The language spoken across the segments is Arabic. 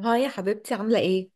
هاي يا حبيبتي، عاملة ايه؟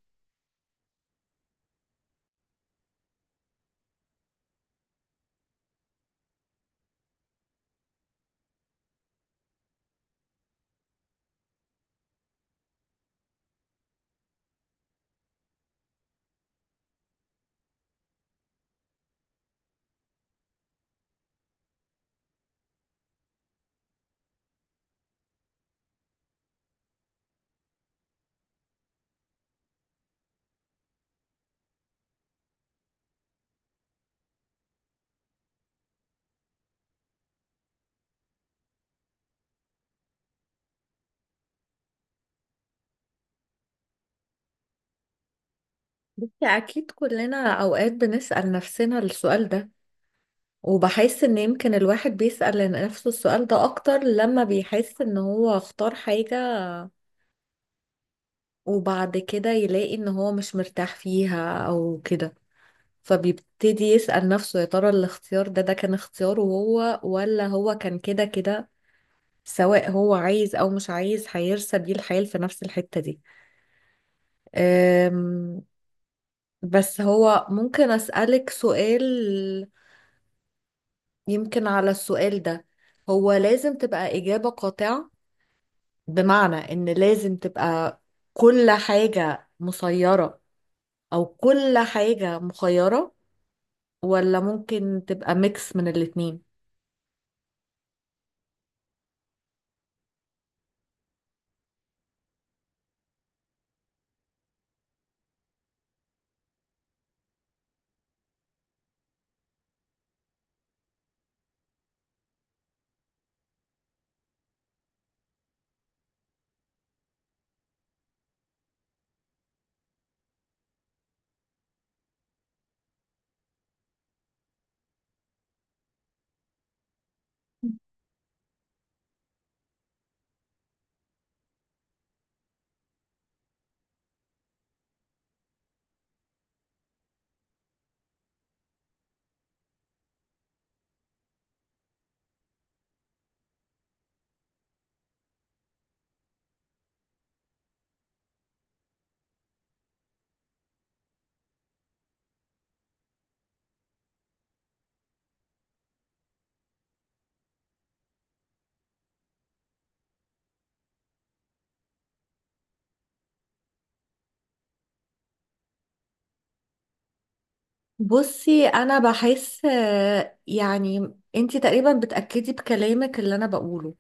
بصي، أكيد كلنا أوقات بنسأل نفسنا السؤال ده، وبحس إن يمكن الواحد بيسأل نفسه السؤال ده أكتر لما بيحس إن هو اختار حاجة وبعد كده يلاقي إن هو مش مرتاح فيها أو كده. فبيبتدي يسأل نفسه يا ترى الاختيار ده كان اختياره هو، ولا هو كان كده كده سواء هو عايز أو مش عايز هيرسى بيه الحال في نفس الحتة دي. أم، بس هو ممكن أسألك سؤال؟ يمكن على السؤال ده هو لازم تبقى إجابة قاطعة، بمعنى إن لازم تبقى كل حاجة مسيرة أو كل حاجة مخيرة، ولا ممكن تبقى ميكس من الاتنين؟ بصي، أنا بحس يعني أنتي تقريبا بتأكدي بكلامك اللي أنا بقوله.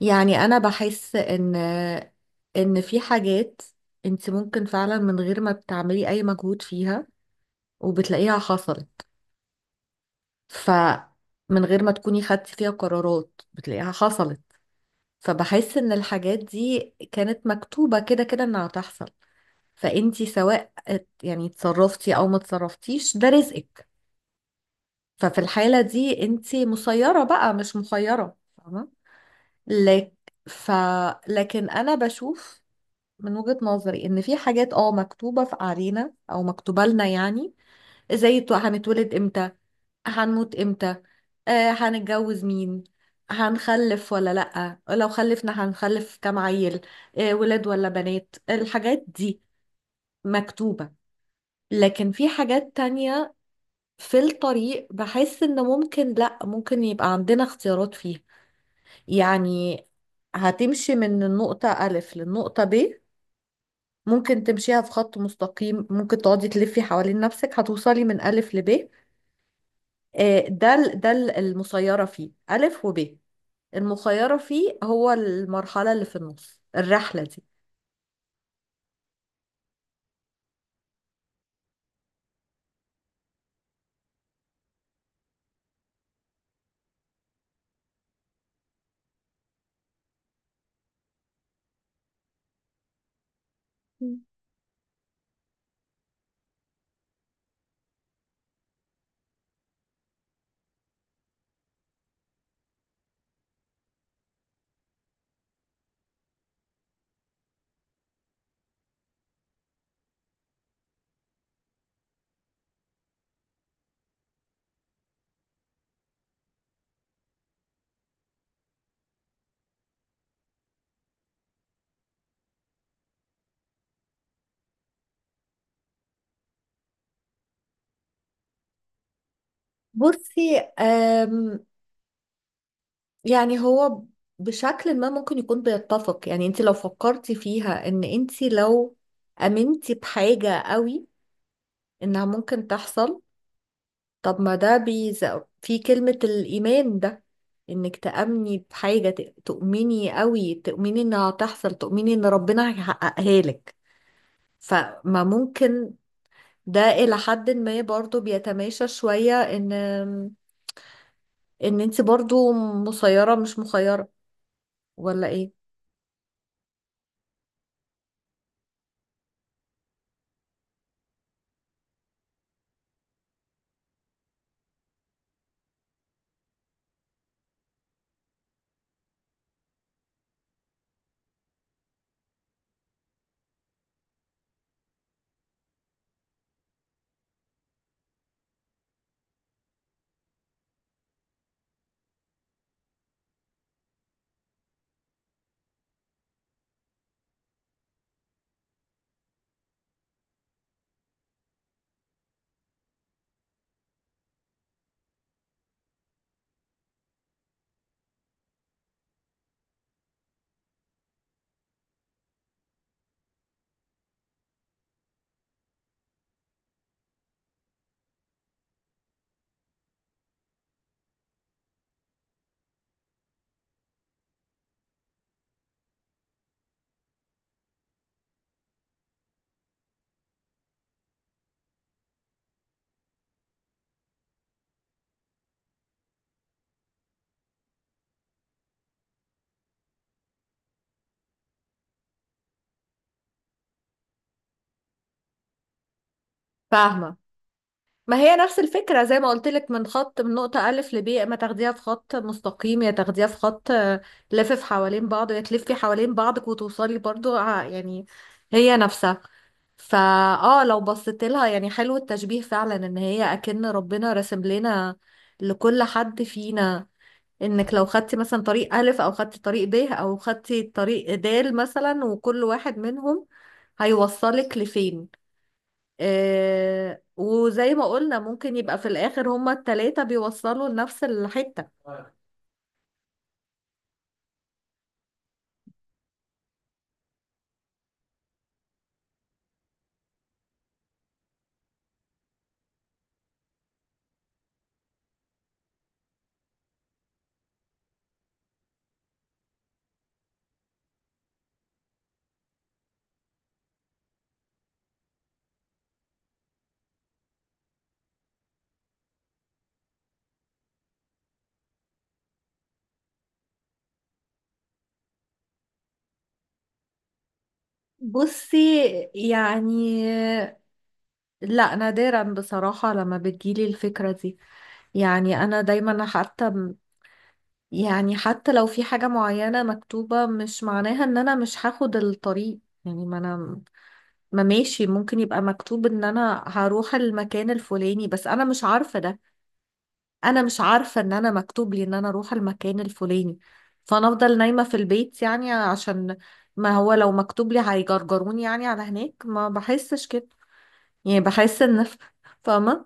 يعني أنا بحس إن إن في حاجات أنتي ممكن فعلا من غير ما بتعملي أي مجهود فيها وبتلاقيها حصلت. فمن غير ما تكوني خدتي فيها قرارات بتلاقيها حصلت. فبحس ان الحاجات دي كانت مكتوبة كده كده انها هتحصل. فانتي سواء اتصرفتي او ما اتصرفتيش، ده رزقك. ففي الحالة دي انتي مسيرة بقى، مش مخيرة. فاهمة لك؟ ف لكن انا بشوف من وجهة نظري ان في حاجات اه مكتوبة في علينا او مكتوبة لنا، يعني زي هنتولد امتى، هنموت امتى، آه هنتجوز مين، هنخلف ولا لأ، لو خلفنا هنخلف كام عيل، آه ولاد ولا بنات. الحاجات دي مكتوبة. لكن في حاجات تانية في الطريق بحس ان ممكن لأ، ممكن يبقى عندنا اختيارات فيها. يعني هتمشي من النقطة ألف للنقطة ب، ممكن تمشيها في خط مستقيم، ممكن تقعدي تلفي حوالين نفسك هتوصلي من ألف لب. المسيرة فيه ألف وب. المخيرة فيه هو المرحلة اللي في النص الرحلة دي. مم. بصي، يعني هو بشكل ما ممكن يكون بيتفق. يعني انت لو فكرتي فيها ان انت لو امنتي بحاجة قوي انها ممكن تحصل. طب ما ده في كلمة الايمان ده، انك تأمني بحاجة تؤمني قوي، تؤمني انها هتحصل، تؤمني ان ربنا هيحققها لك. فما ممكن ده إلى حد ما برضو بيتماشى شوية إن إن أنت برضو مسيرة مش مخيرة، ولا إيه؟ فاهمة؟ ما هي نفس الفكرة زي ما قلت لك من خط، من نقطة ألف لب، يا إما تاخديها في خط مستقيم يا تاخديها في خط لافف حوالين بعض، يا تلفي حوالين بعضك وتوصلي برضو يعني هي نفسها. فا اه لو بصيت لها يعني حلو التشبيه فعلا، ان هي اكن ربنا راسم لنا لكل حد فينا، انك لو خدتي مثلا طريق الف او خدتي طريق ب او خدتي طريق د مثلا، وكل واحد منهم هيوصلك لفين. آه، وزي ما قلنا ممكن يبقى في الاخر هما التلاتة بيوصلوا لنفس الحتة. بصي يعني، لا نادرا بصراحة لما بتجيلي الفكرة دي. يعني انا دايما، حتى يعني حتى لو في حاجة معينة مكتوبة مش معناها ان انا مش هاخد الطريق. يعني ما ماشي، ممكن يبقى مكتوب ان انا هروح المكان الفلاني بس انا مش عارفة ده. انا مش عارفة ان انا مكتوب لي ان انا اروح المكان الفلاني، فانا افضل نايمة في البيت يعني. عشان ما هو لو مكتوب لي هيجرجروني يعني على هناك. ما بحسش كده. يعني بحس ان فاهمة؟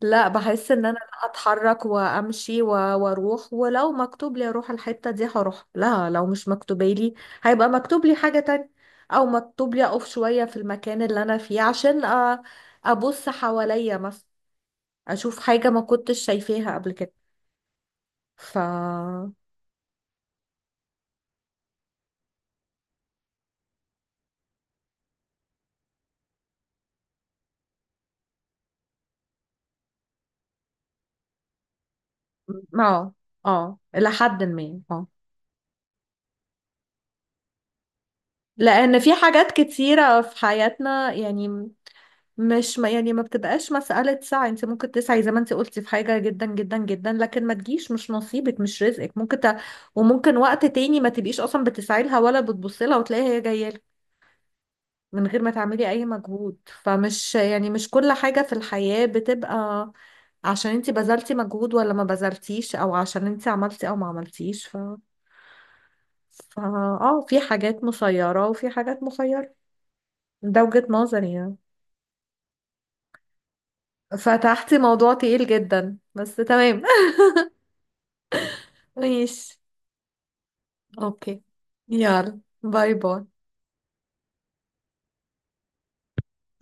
لا بحس ان انا لا، اتحرك وامشي واروح، ولو مكتوب لي اروح الحتة دي هروح، لا لو مش مكتوبالي هيبقى مكتوب لي حاجة تانية او مكتوب لي اقف شوية في المكان اللي انا فيه، عشان أ- ابص حواليا مثلا، اشوف حاجة ما كنتش شايفاها قبل كده. ف اه اه الى حد ما، اه. لان في حاجات كتيرة في حياتنا يعني، مش ما يعني ما بتبقاش مسألة سعي. انت ممكن تسعي زي ما انت قلتي في حاجة جدا جدا جدا لكن ما تجيش، مش نصيبك مش رزقك. ممكن وممكن وقت تاني ما تبقيش اصلا بتسعي لها ولا بتبصي لها وتلاقيها هي جاية لك من غير ما تعملي اي مجهود. فمش يعني مش كل حاجة في الحياة بتبقى عشان انت بذلتي مجهود ولا ما بذلتيش، او عشان انت عملتي او ما عملتيش. ف ف اه في حاجات مسيرة وفي حاجات مخيرة. ده وجهة نظري يعني. فتحتي موضوع تقيل جدا بس تمام. ماشي. اوكي. يلا باي باي.